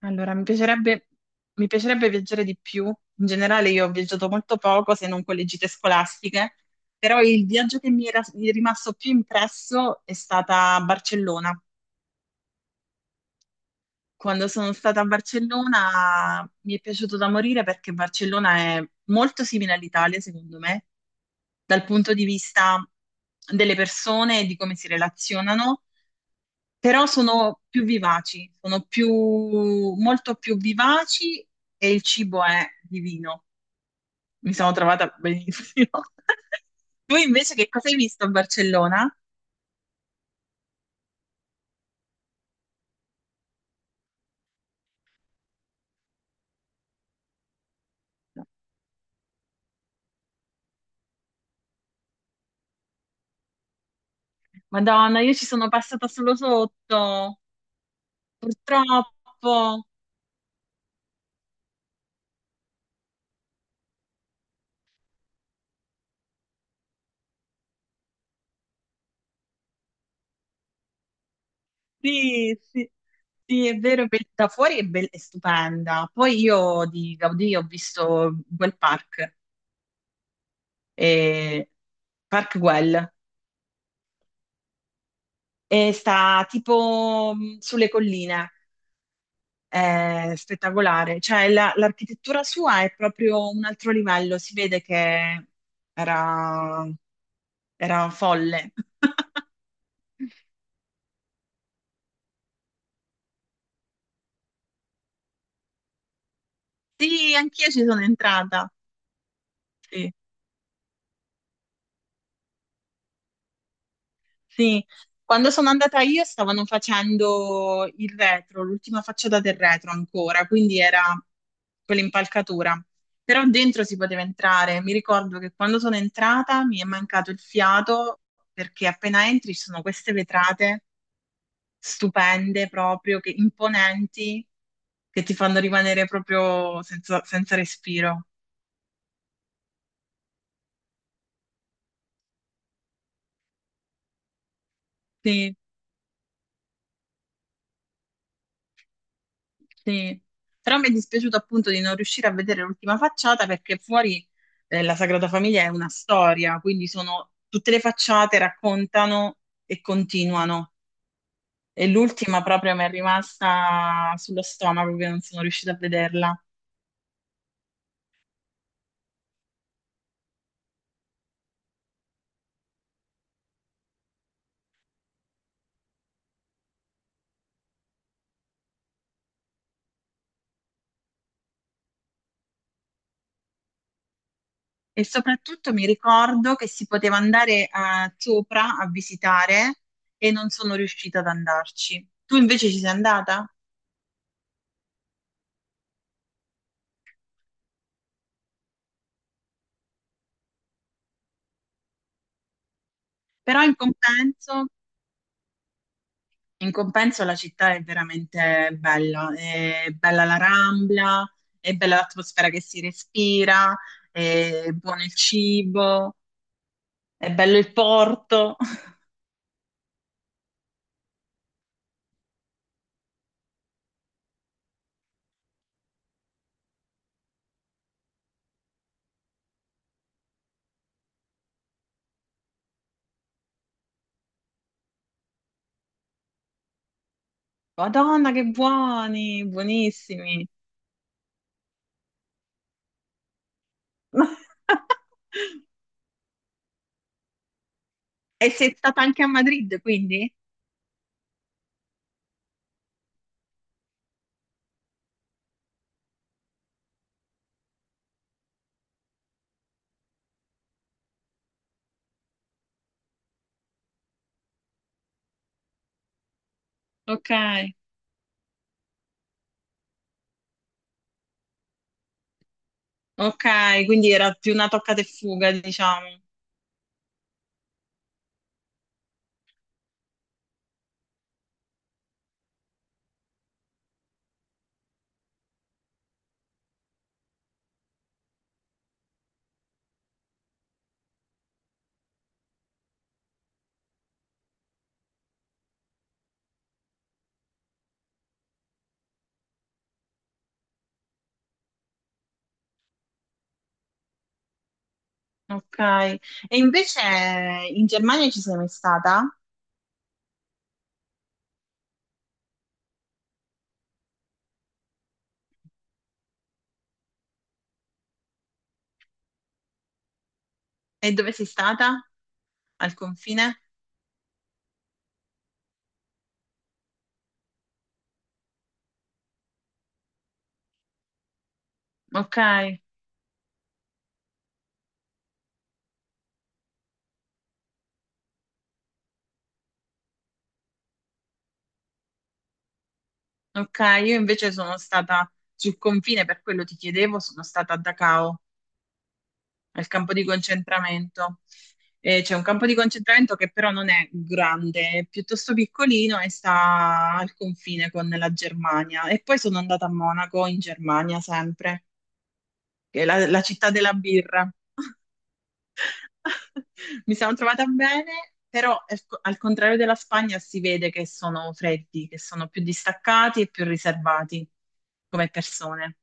Allora, mi piacerebbe viaggiare di più. In generale, io ho viaggiato molto poco, se non con le gite scolastiche, però il viaggio che mi è rimasto più impresso è stata a Barcellona. Quando sono stata a Barcellona mi è piaciuto da morire perché Barcellona è molto simile all'Italia, secondo me, dal punto di vista delle persone e di come si relazionano. Però sono più vivaci, molto più vivaci e il cibo è divino. Mi sono trovata benissimo. Tu invece che cosa hai visto a Barcellona? Madonna, io ci sono passata solo sotto, purtroppo. Sì, sì, sì, è vero, da fuori è, è stupenda. Poi io di Gaudì ho visto quel park, eh, Park Güell, e sta tipo sulle colline. È spettacolare. Cioè, l'architettura sua è proprio un altro livello, si vede che era, era folle. Sì, anch'io ci sono entrata. Sì, sì. Quando sono andata io stavano facendo il retro, l'ultima facciata del retro ancora, quindi era quell'impalcatura. Però dentro si poteva entrare. Mi ricordo che quando sono entrata mi è mancato il fiato perché appena entri ci sono queste vetrate stupende proprio, che, imponenti, che ti fanno rimanere proprio senza, senza respiro. Sì, sì. Però mi è dispiaciuto appunto di non riuscire a vedere l'ultima facciata perché fuori la Sagrada Famiglia è una storia, quindi sono tutte le facciate raccontano e continuano. E l'ultima proprio mi è rimasta sullo stomaco che non sono riuscita a vederla. E soprattutto mi ricordo che si poteva andare a sopra a visitare e non sono riuscita ad andarci. Tu invece ci sei andata? Però in compenso la città è veramente bella. È bella la Rambla, è bella l'atmosfera che si respira, è buono il cibo, è bello il porto. Madonna, che buoni, buonissimi. E sei stata anche a Madrid, quindi? Ok. Ok, quindi era più una toccata e fuga, diciamo. Ok. E invece in Germania ci sei mai stata? E dove sei stata? Al confine? Ok, ok. Io invece sono stata sul confine, per quello ti chiedevo, sono stata a Dachau, al campo di concentramento. E c'è un campo di concentramento che però non è grande, è piuttosto piccolino e sta al confine con la Germania. E poi sono andata a Monaco, in Germania, sempre, che è la città della birra. Mi sono trovata bene, però al contrario della Spagna si vede che sono freddi, che sono più distaccati e più riservati come persone.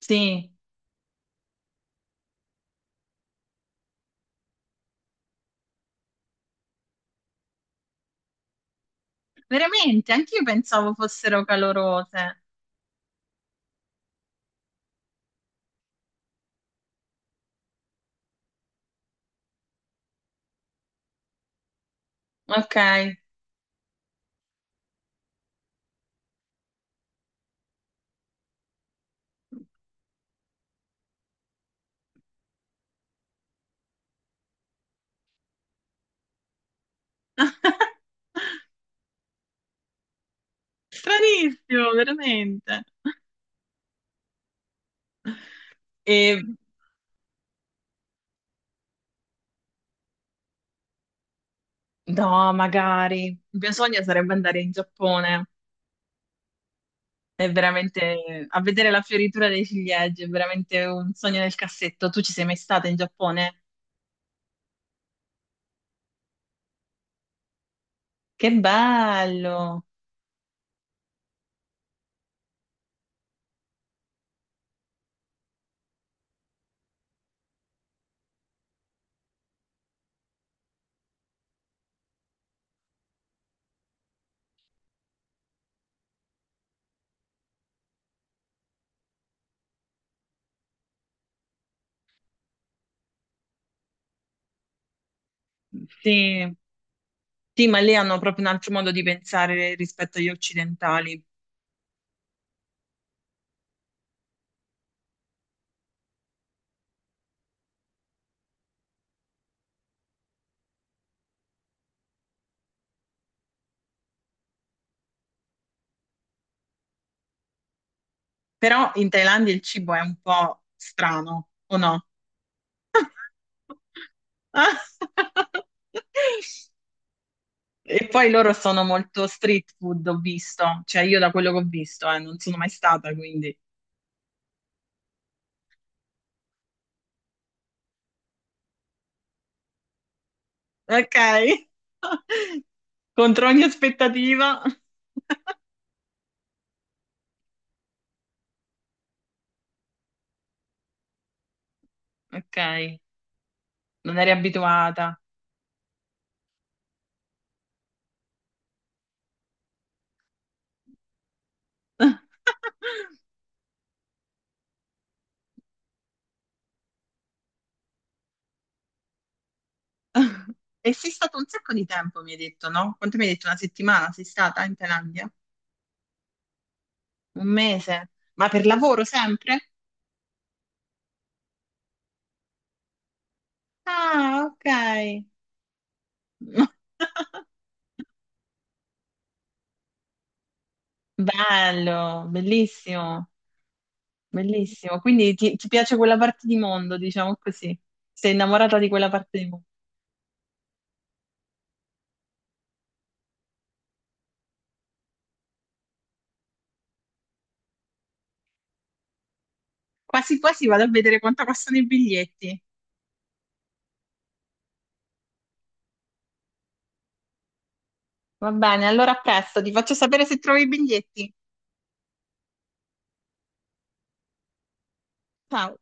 Sì, veramente, anche io pensavo fossero calorose. Ok. Stranissimo, veramente. E no, magari. Il mio sogno sarebbe andare in Giappone. È veramente a vedere la fioritura dei ciliegi, è veramente un sogno nel cassetto. Tu ci sei mai stata in Giappone? Che bello! Sì. Sì, ma lì hanno proprio un altro modo di pensare rispetto agli occidentali. Però in Thailandia il cibo è un po' strano, o no? E poi loro sono molto street food, ho visto. Cioè, io da quello che ho visto, non sono mai stata, quindi. Ok. Contro ogni aspettativa. Ok, non eri abituata. E sei stato un sacco di tempo, mi hai detto, no? Quanto mi hai detto? Una settimana sei stata in Thailandia? Un mese? Ma per lavoro sempre? Ah, ok. Bello, bellissimo, bellissimo. Quindi ti piace quella parte di mondo, diciamo così. Sei innamorata di quella parte di mondo. Quasi quasi vado a vedere quanto costano i biglietti. Va bene, allora a presto, ti faccio sapere se trovi i biglietti. Ciao.